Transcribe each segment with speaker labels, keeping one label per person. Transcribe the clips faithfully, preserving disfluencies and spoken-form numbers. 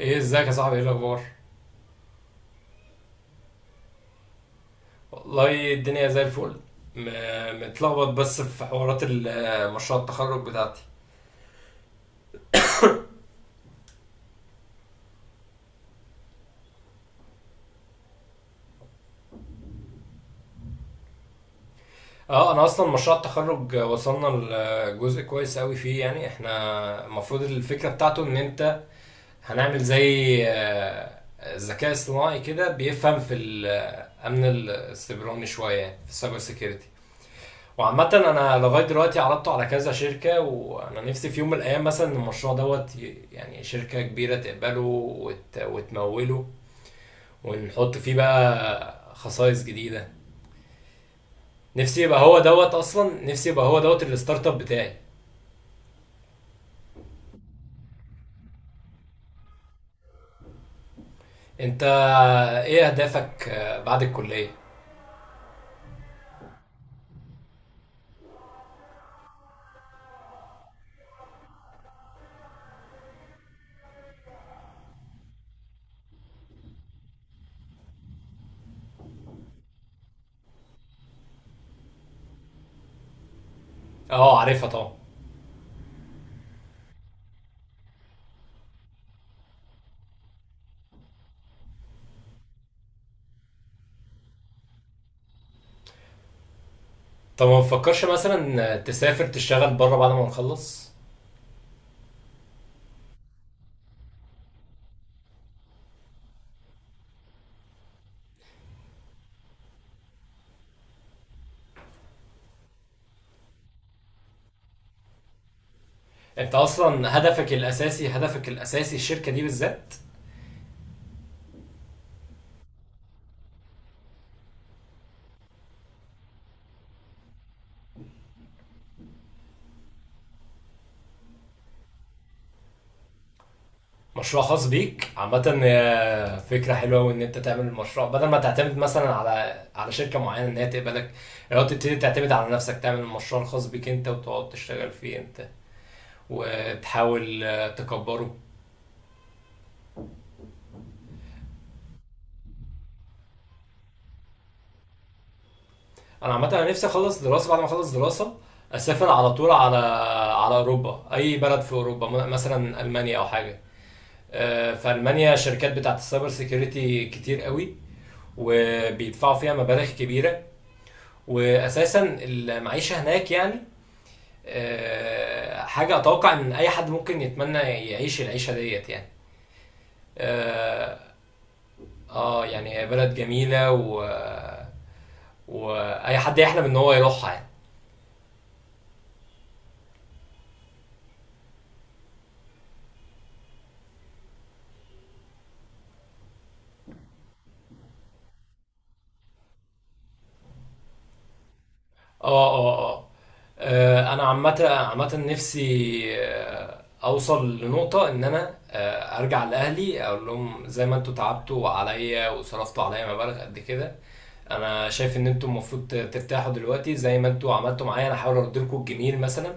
Speaker 1: ايه ازيك يا صاحبي؟ ايه الاخبار؟ والله الدنيا زي الفل. م- متلخبط بس في حوارات ال- مشروع التخرج بتاعتي. اه، انا اصلا مشروع التخرج وصلنا لجزء كويس قوي فيه. يعني احنا المفروض الفكره بتاعته ان انت هنعمل زي ذكاء اصطناعي كده بيفهم في الامن السيبراني شويه، يعني في السايبر سيكيورتي. وعامة أنا لغاية دلوقتي عرضته على كذا شركة، وأنا نفسي في يوم من الأيام مثلا المشروع دوت ي- يعني شركة كبيرة تقبله وت... وتموله، ونحط فيه بقى خصائص جديدة. نفسي يبقى هو دوت أصلا نفسي يبقى هو دوت الستارت اب بتاعي. أنت إيه أهدافك آه، بعد الكلية؟ أه، عارفها طبعا. طب ما تفكرش مثلا تسافر تشتغل بره بعد ما نخلص؟ أنت أصلا هدفك الأساسي، هدفك الأساسي الشركة دي بالذات؟ مشروع خاص بيك عامة فكرة حلوة، وان انت تعمل المشروع بدل ما تعتمد مثلا على على شركة معينة ان هي تقبلك. لو تبتدي تعتمد على نفسك، تعمل المشروع الخاص بيك انت، وتقعد تشتغل فيه انت وتحاول آه، تكبره. انا عامة انا نفسي اخلص دراسة. بعد ما اخلص دراسة اسافر على طول على على اوروبا، اي بلد في اوروبا، م- مثلا المانيا او حاجة. آه، في المانيا الشركات بتاعت السايبر سيكيورتي كتير قوي، وبيدفعوا فيها مبالغ كبيرة. واساسا المعيشة هناك يعني آه، حاجة أتوقع إن أي حد ممكن يتمنى يعيش العيشة ديت يعني. آه. آه، يعني هي بلد جميلة و... وأي حد يحلم إن هو يروحها يعني. آه آه آه آه، أنا عامة عامة نفسي آه، أوصل لنقطة إن أنا آه، أرجع لأهلي أقول لهم زي ما أنتوا تعبتوا عليا وصرفتوا عليا مبالغ قد كده. أنا شايف إن أنتوا المفروض ترتاحوا دلوقتي. زي ما أنتوا عملتوا معايا، أنا هحاول أرد لكم الجميل مثلا،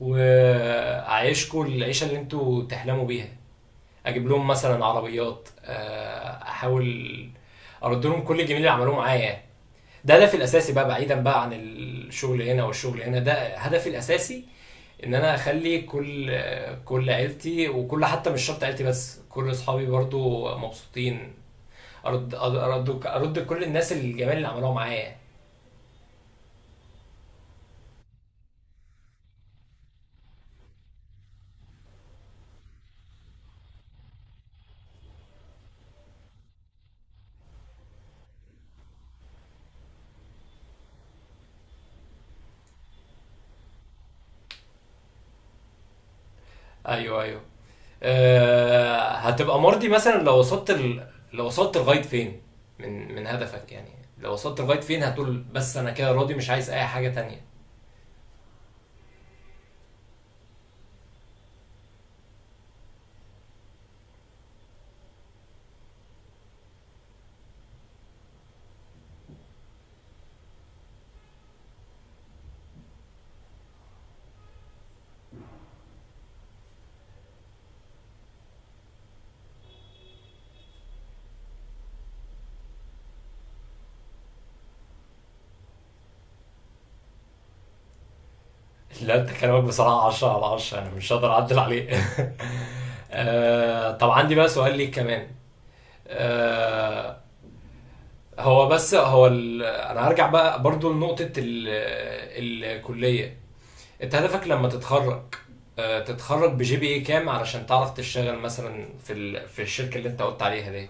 Speaker 1: واعيشكوا العيشه اللي انتوا تحلموا بيها. اجيب لهم مثلا عربيات، آه، احاول ارد لهم كل الجميل اللي عملوه معايا يعني. ده هدفي الاساسي بقى، بعيدا بقى عن الشغل هنا، والشغل هنا ده هدفي الاساسي. ان انا اخلي كل آه، كل عيلتي، وكل، حتى مش شرط عيلتي بس، كل اصحابي برضو مبسوطين. ارد ارد ارد كل الناس الجمال اللي عملوها معايا. ايوه، ايوه. آه، هتبقى مرضي مثلا لو وصلت ال... لو وصلت لغايه فين من من هدفك يعني؟ لو وصلت لغايه فين هتقول بس انا كده راضي مش عايز اي حاجه تانية؟ لا، انت كلامك بصراحه عشرة على عشرة، انا مش هقدر اعدل عليه. آه، طب عندي بقى سؤال ليك كمان. آه، هو بس هو ال... انا هرجع بقى برضو لنقطه ال... الكليه. انت هدفك لما تتخرج، آه، تتخرج بجي بي اي كام علشان تعرف تشتغل مثلا في ال... في الشركه اللي انت قلت عليها دي؟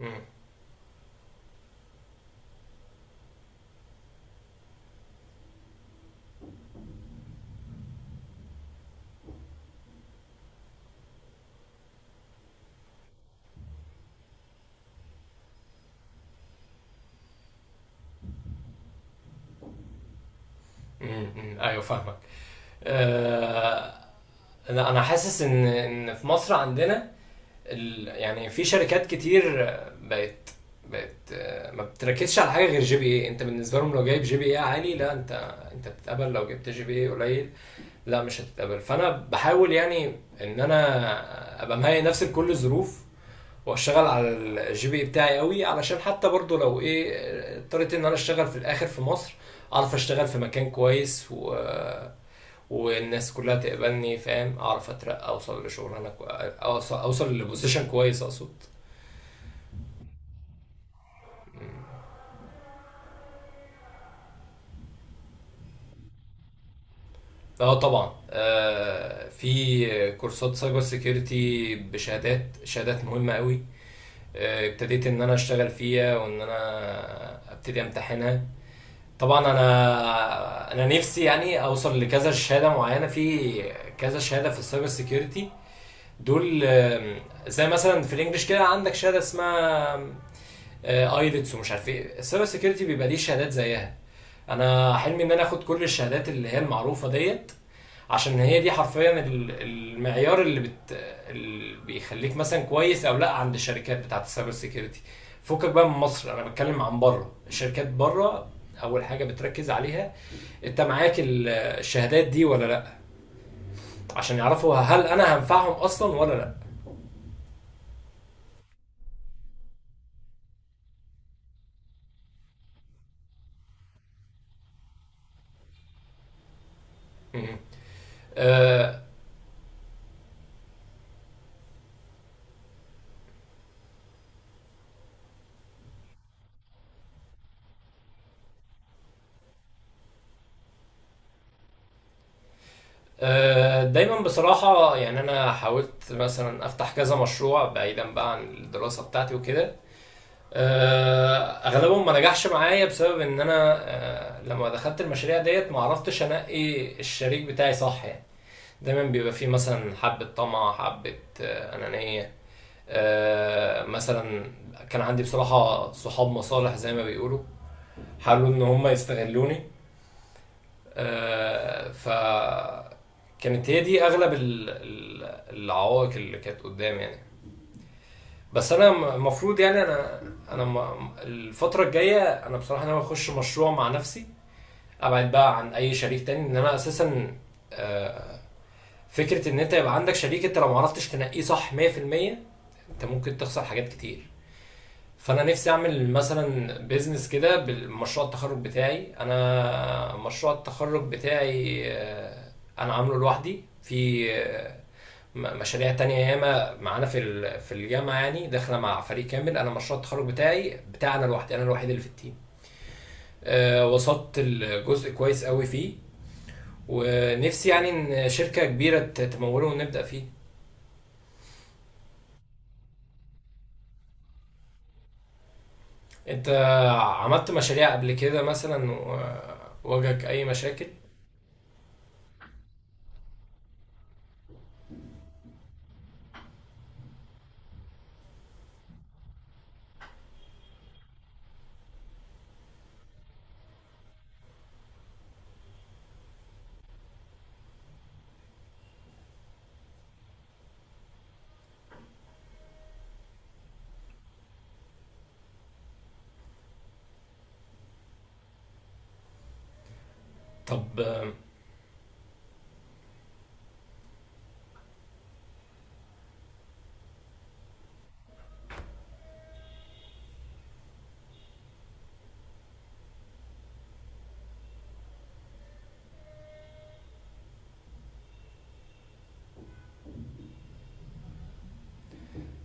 Speaker 1: مم. امم، ايوه فاهمك. آه، انا أنا حاسس ان ان في مصر عندنا ال... يعني في شركات كتير بقت، بقت آه، ما بتركزش على حاجه غير جي بي اي. انت بالنسبه لهم لو جايب جي بي اي عالي، لا انت انت بتتقبل. لو جبت جي بي اي قليل، لا مش هتتقبل. فانا بحاول يعني ان انا ابقى مهيئ نفسي لكل الظروف، واشتغل على الجي بي اي بتاعي قوي، علشان حتى برضو لو ايه آه، اضطريت ان انا اشتغل في الاخر في مصر، اعرف اشتغل في مكان كويس و آه، والناس كلها تقبلني، فاهم؟ اعرف اترقى، اوصل لشغلانه كو... اوصل اوصل لبوزيشن كويس اقصد. اه طبعا. آه في كورسات سايبر سيكيورتي بشهادات، شهادات مهمه قوي. آه، ابتديت ان انا اشتغل فيها وان انا ابتدي امتحنها. طبعا انا انا نفسي يعني اوصل لكذا شهاده معينه في، كذا شهاده في السايبر سيكيورتي دول. آم، زي مثلا في الانجليش كده عندك شهاده اسمها ايلتس. ومش عارف ايه، السايبر سيكيورتي بيبقى ليه شهادات زيها، انا حلمي ان انا اخد كل الشهادات اللي هي المعروفه ديت. عشان هي دي حرفيا ال- المعيار اللي بت... اللي بيخليك مثلا كويس او لا عند الشركات بتاعت السايبر سيكيورتي. فكك بقى من مصر، انا بتكلم عن بره. الشركات بره اول حاجه بتركز عليها انت معاك ال- الشهادات دي ولا لا، عشان يعرفوا هل انا هنفعهم اصلا ولا لا. مم. آه، آه، دايما بصراحة يعني أنا حاولت مثلا أفتح كذا مشروع بعيدا بقى عن الدراسة بتاعتي وكده. آه، أغلبهم ما نجحش معايا بسبب إن أنا آه، لما دخلت المشاريع ديت ما عرفتش أنقي الشريك بتاعي صح يعني. دايما بيبقى فيه مثلا حبة طمع، حبة آه، أنانية. آه، مثلا كان عندي بصراحة صحاب مصالح زي ما بيقولوا، حاولوا إن هم يستغلوني. آه، ف كانت هي دي اغلب ال- ال- العوائق اللي كانت قدامي يعني. بس انا م- المفروض يعني انا، انا م- الفتره الجايه انا بصراحه ناوي اخش مشروع مع نفسي، ابعد بقى عن اي شريك تاني. ان انا اساسا آه، فكره ان انت يبقى عندك شريك انت لو معرفتش تنقيه صح مية في المية، انت ممكن تخسر حاجات كتير. فانا نفسي اعمل مثلا بيزنس كده بالمشروع التخرج بتاعي. انا مشروع التخرج بتاعي آه، انا عامله لوحدي. في آه، م- مشاريع تانية ياما معانا في ال- في الجامعة يعني داخلة مع فريق كامل. أنا مشروع التخرج بتاعي بتاع أنا لوحدي، أنا الوحيد اللي في التيم. آه، وصلت الجزء كويس قوي فيه، ونفسي يعني إن شركة كبيرة ت- تموله ونبدأ فيه. أنت عملت مشاريع قبل كده مثلا، وواجهك أي مشاكل؟ طب آه،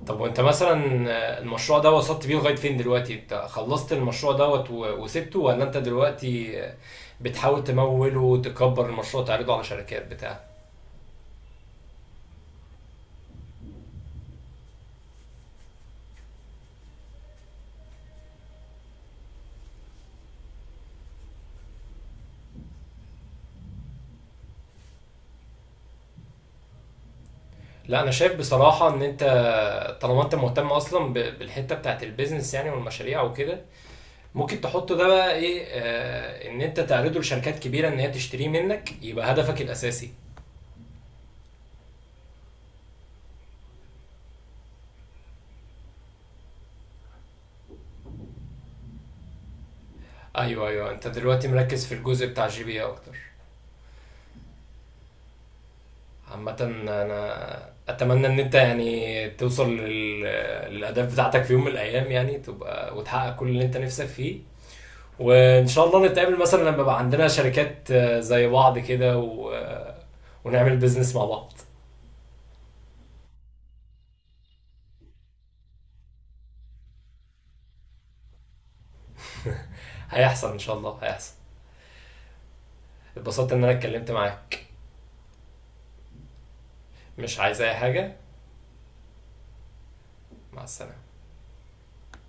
Speaker 1: طب وانت مثلا، آه، المشروع ده وصلت بيه لغاية فين دلوقتي؟ انت خلصت المشروع دوت و- وسبته، ولا انت دلوقتي آه، بتحاول تموله وتكبر المشروع، تعرضه على شركات بتاع؟ لا، انا شايف بصراحة ان انت طالما انت مهتم اصلا ب- بالحتة بتاعت البيزنس يعني والمشاريع وكده، ممكن تحطه ده بقى ايه، آه، ان انت تعرضه لشركات كبيرة ان هي تشتريه منك، يبقى هدفك الاساسي. ايوه، ايوه، انت دلوقتي مركز في الجزء بتاع جي بي اكتر. عامة أنا أتمنى إن أنت يعني توصل لل... للأهداف بتاعتك في يوم من الأيام، يعني تبقى وتحقق كل اللي أنت نفسك فيه، وإن شاء الله نتقابل مثلا لما يبقى عندنا شركات آه، زي بعض كده و... آه، ونعمل بيزنس مع بعض. هيحصل إن شاء الله، هيحصل. اتبسطت إن أنا اتكلمت معاك. مش عايز أي حاجة. مع السلامة.